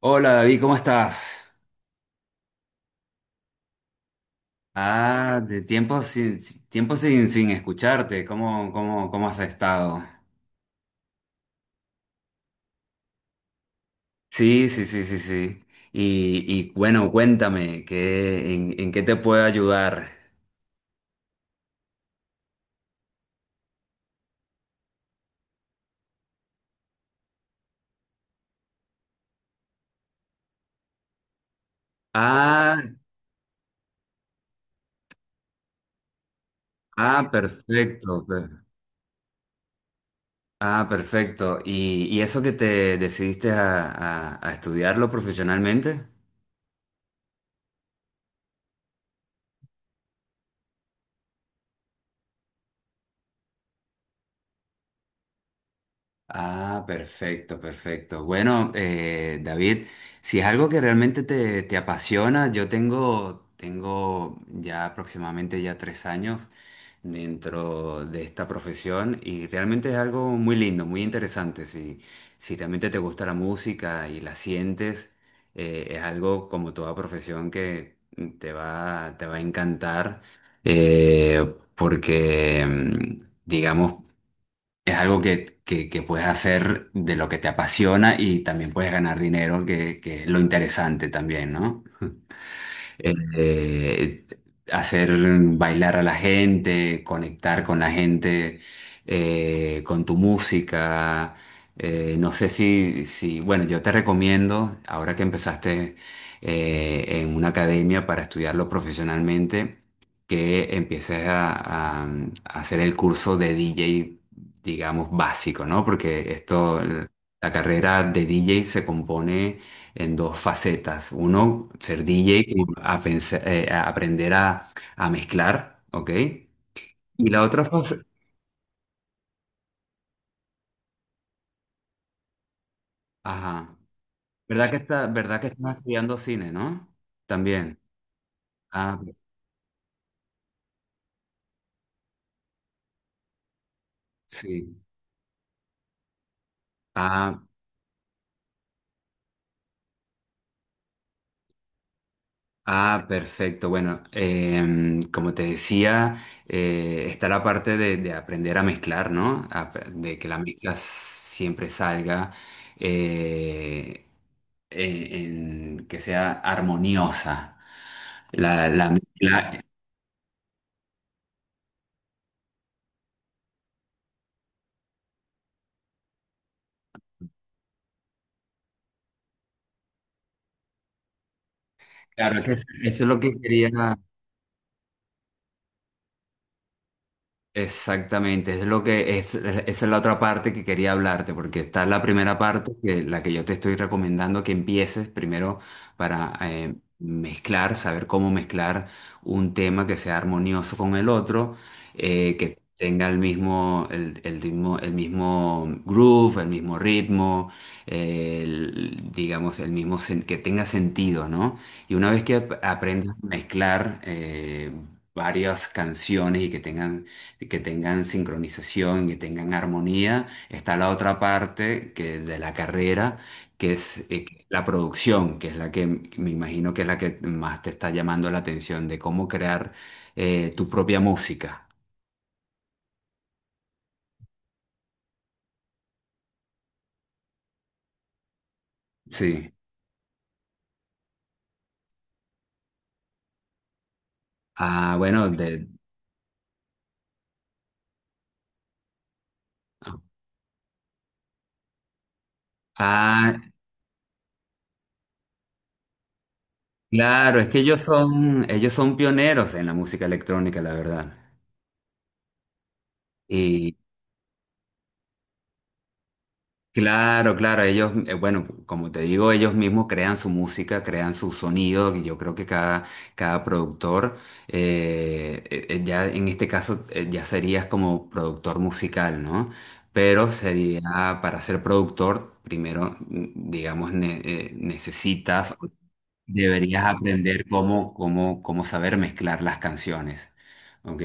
Hola David, ¿cómo estás? De tiempo sin, si- tiempo sin escucharte, cómo has estado? Sí, sí, sí, sí, sí. Y, y bueno, cuéntame, en qué te puedo ayudar? Ah, ah, perfecto. per- Ah, perfecto. Y eso que te decidiste a, a estudiarlo profesionalmente? Ah, perfecto, perfecto. Bueno, David, si es algo que realmente te apasiona, tengo ya aproximadamente ya 3 años dentro de esta profesión y realmente es algo muy lindo, muy interesante. Si, si realmente te gusta la música y la sientes, es algo como toda profesión que te va a encantar porque, digamos, es algo que puedes hacer de lo que te apasiona y también puedes ganar dinero, que es lo interesante también, ¿no? eh, Hacer bailar a la gente, conectar con la gente, con tu música. No sé si, si, bueno, yo te recomiendo, ahora que empezaste en una academia para estudiarlo profesionalmente, que empieces a, a hacer el curso de DJ, digamos, básico, ¿no? Porque esto, la carrera de DJ se compone en dos facetas. Uno, ser DJ, y a aprender a mezclar, ¿ok? Y la otra, ajá, verdad que estás estudiando cine, ¿no? También. Ah, sí. Ah, ah, perfecto. Bueno, como te decía, está la parte de aprender a mezclar, ¿no? De que la mezcla siempre salga. eh, en que sea armoniosa, la mezcla, claro que eso es lo que quería, Exactamente, es lo que es, esa es la otra parte que quería hablarte, porque está la primera parte, que, la que yo te estoy recomendando que empieces primero para mezclar, saber cómo mezclar un tema que sea armonioso con el otro, que tenga el mismo, el mismo groove, el mismo ritmo, digamos, el mismo, que tenga sentido, ¿no? Y una vez que aprendas a mezclar varias canciones y que tengan sincronización, que tengan armonía. Está la otra parte que, de la carrera, que es la producción, que es la que me imagino que es la que más te está llamando la atención, de cómo crear tu propia música. Sí. Ah, bueno, de... Ah, claro, es que ellos son pioneros en la música electrónica, la verdad. Claro, claro, ellos, bueno, como te digo, ellos mismos crean su música, crean su sonido, y yo creo que cada, cada productor, ya en este caso, ya serías como productor musical, ¿no? Pero sería, para ser productor, primero, digamos, necesitas Deberías aprender cómo, cómo saber mezclar las canciones, ¿ok?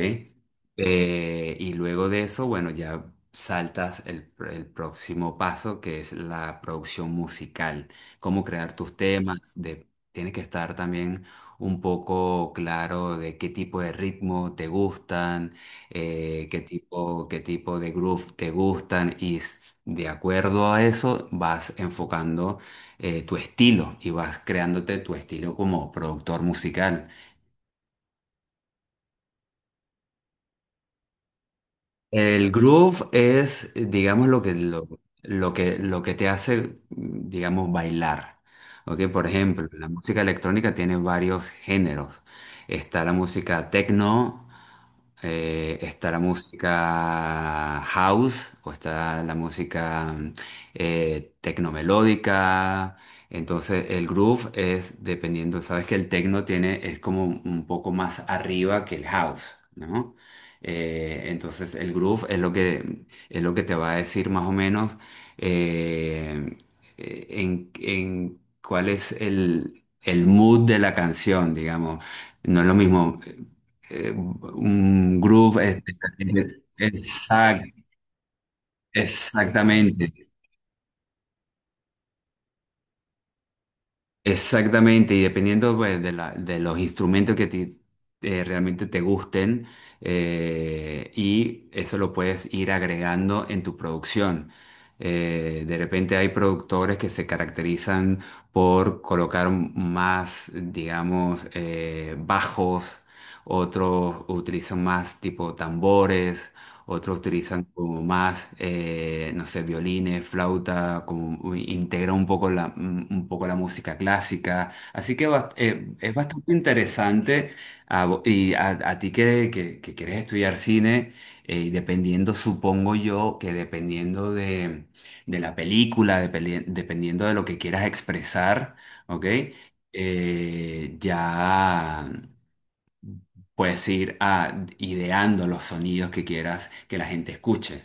Y luego de eso, bueno, ya saltas el próximo paso, que es la producción musical, cómo crear tus temas, de, tienes que estar también un poco claro de qué tipo de ritmo te gustan, qué tipo de groove te gustan, y de acuerdo a eso vas enfocando tu estilo y vas creándote tu estilo como productor musical. El groove es, digamos, lo que te hace, digamos, bailar. ¿Ok? Por ejemplo, la música electrónica tiene varios géneros. Está la música techno, está la música house, o está la música tecnomelódica. Entonces, el groove es dependiendo, sabes que el techno tiene, es como un poco más arriba que el house, ¿no? Entonces el groove es lo que te va a decir más o menos eh, en cuál es el mood de la canción, digamos. No es lo mismo un groove. Exact- exactamente. Exactamente, y dependiendo pues, de los instrumentos realmente te gusten, y eso lo puedes ir agregando en tu producción. De repente hay productores que se caracterizan por colocar más, digamos, bajos, otros utilizan más tipo tambores, otros utilizan como más, no sé, violines, flauta, como integra un poco la, un poco la música clásica. Así que es bastante interesante a a ti que quieres estudiar cine, y dependiendo, supongo yo, que dependiendo de la película, dependiendo de lo que quieras expresar, ¿ok? Ya. Puedes ir a ideando los sonidos que quieras que la gente escuche.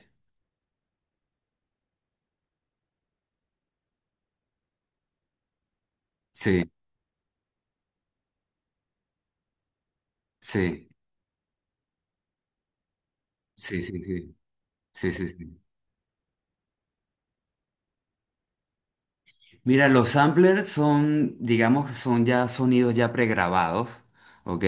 Sí, sí, sí, sí, sí, sí, sí, sí. Mira, los samplers son, digamos, son ya sonidos ya pregrabados, ¿ok?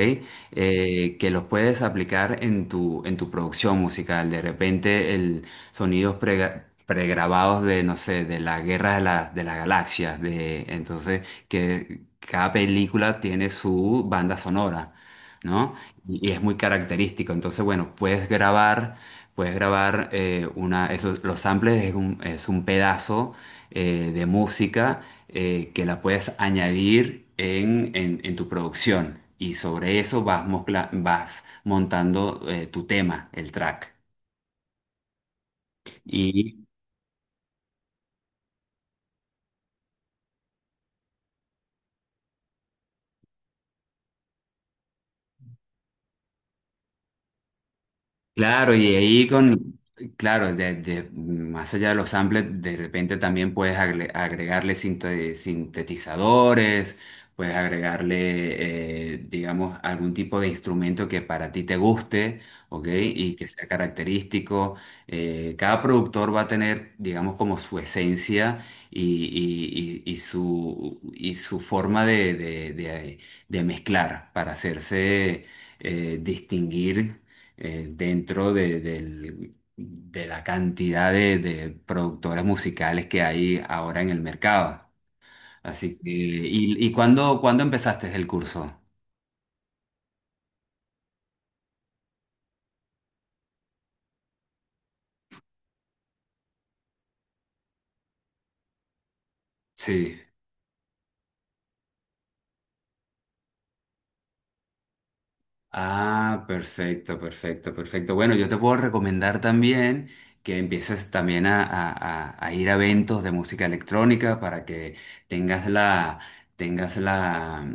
Que los puedes aplicar en tu producción musical. De repente, el sonidos pregrabados de, no sé, de la Guerra de, de las Galaxias, de, entonces, que cada película tiene su banda sonora. ¿No? Y es muy característico. Entonces, bueno, puedes grabar una, los samples es un pedazo de música que la puedes añadir en tu producción. Y sobre eso vas, vas montando tu tema, el track. Claro, claro, más allá de los samples, de repente también puedes agregarle sintetizadores, puedes agregarle, digamos, algún tipo de instrumento que para ti te guste, ¿ok? Y que sea característico. Cada productor va a tener, digamos, como su esencia y su forma de, de mezclar para hacerse distinguir dentro de, de la cantidad de productoras musicales que hay ahora en el mercado. Así que, y cuándo, cuándo empezaste el curso? Sí. Ah, perfecto, perfecto, perfecto. Bueno, yo te puedo recomendar también que empieces también a, a ir a eventos de música electrónica para que tengas la, tengas la,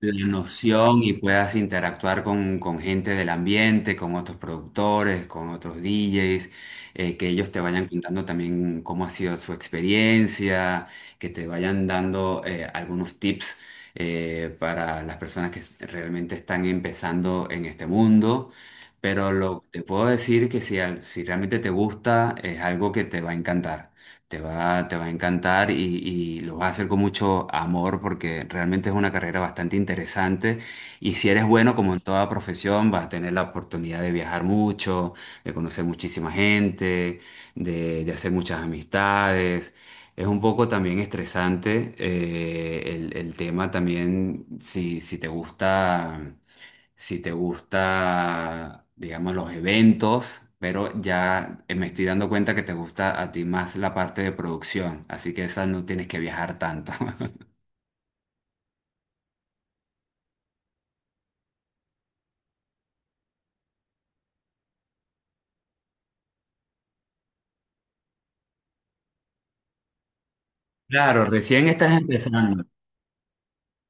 la noción y puedas interactuar con gente del ambiente, con otros productores, con otros DJs, que ellos te vayan contando también cómo ha sido su experiencia, que te vayan dando algunos tips para las personas realmente están empezando en este mundo. Te puedo decir que si, si realmente te gusta, es algo que te va a encantar. Te va a encantar y lo vas a hacer con mucho amor porque realmente es una carrera bastante interesante y si eres bueno, como en toda profesión, vas a tener la oportunidad de viajar mucho, de conocer muchísima gente, de hacer muchas amistades. Es un poco también estresante el tema también, si te gusta si te gusta, digamos, los eventos, pero ya me estoy dando cuenta que te gusta a ti más la parte de producción, así que esa no tienes que viajar tanto. Claro, recién estás empezando.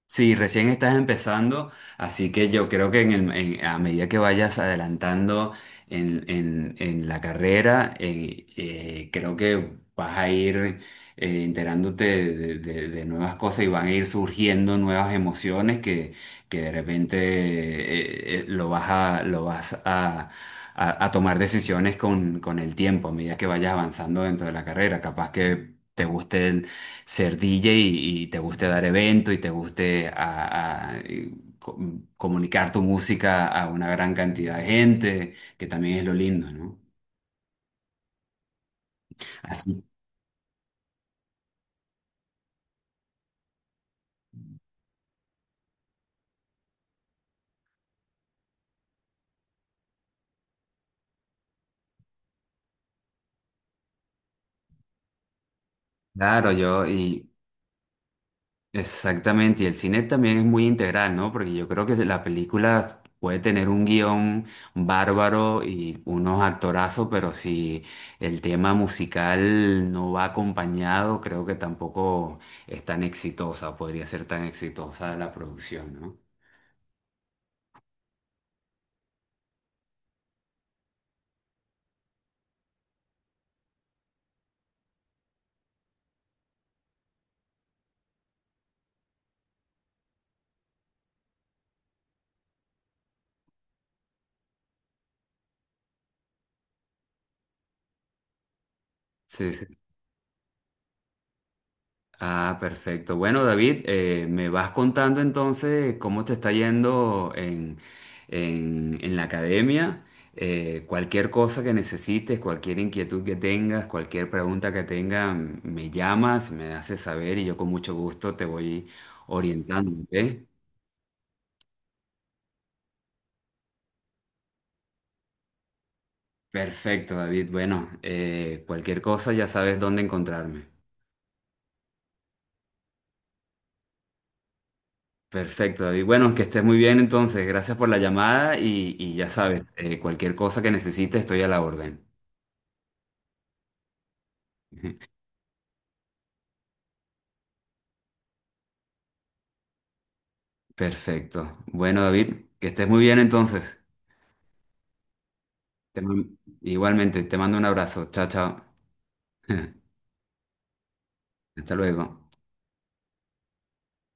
Sí, recién estás empezando, así que yo creo que en a medida que vayas adelantando en la carrera, creo que vas a ir enterándote de, de nuevas cosas y van a ir surgiendo nuevas emociones que de repente lo vas a, a tomar decisiones con el tiempo, a medida que vayas avanzando dentro de la carrera. Capaz que te guste ser DJ y te guste dar evento y te guste co- comunicar tu música a una gran cantidad de gente, que también es lo lindo, ¿no? Así, claro, yo, y exactamente, y el cine también es muy integral, ¿no? Porque yo creo que la película puede tener un guión bárbaro y unos actorazos, pero si el tema musical no va acompañado, creo que tampoco es tan exitosa, podría ser tan exitosa la producción, ¿no? Sí, sí. Ah, perfecto. Bueno, David, me vas contando entonces cómo te está yendo en la academia. Cualquier cosa que necesites, cualquier inquietud que tengas, cualquier pregunta que tengas, me llamas, me haces saber y yo con mucho gusto te voy orientando, ¿ok? Perfecto, David. Bueno, cualquier cosa ya sabes dónde encontrarme. Perfecto, David. Bueno, que estés muy bien entonces. Gracias por la llamada y ya sabes, cualquier cosa que necesites estoy a la orden. Perfecto. Bueno, David, que estés muy bien entonces. Igualmente, te mando un abrazo. Chao, chao. Hasta luego.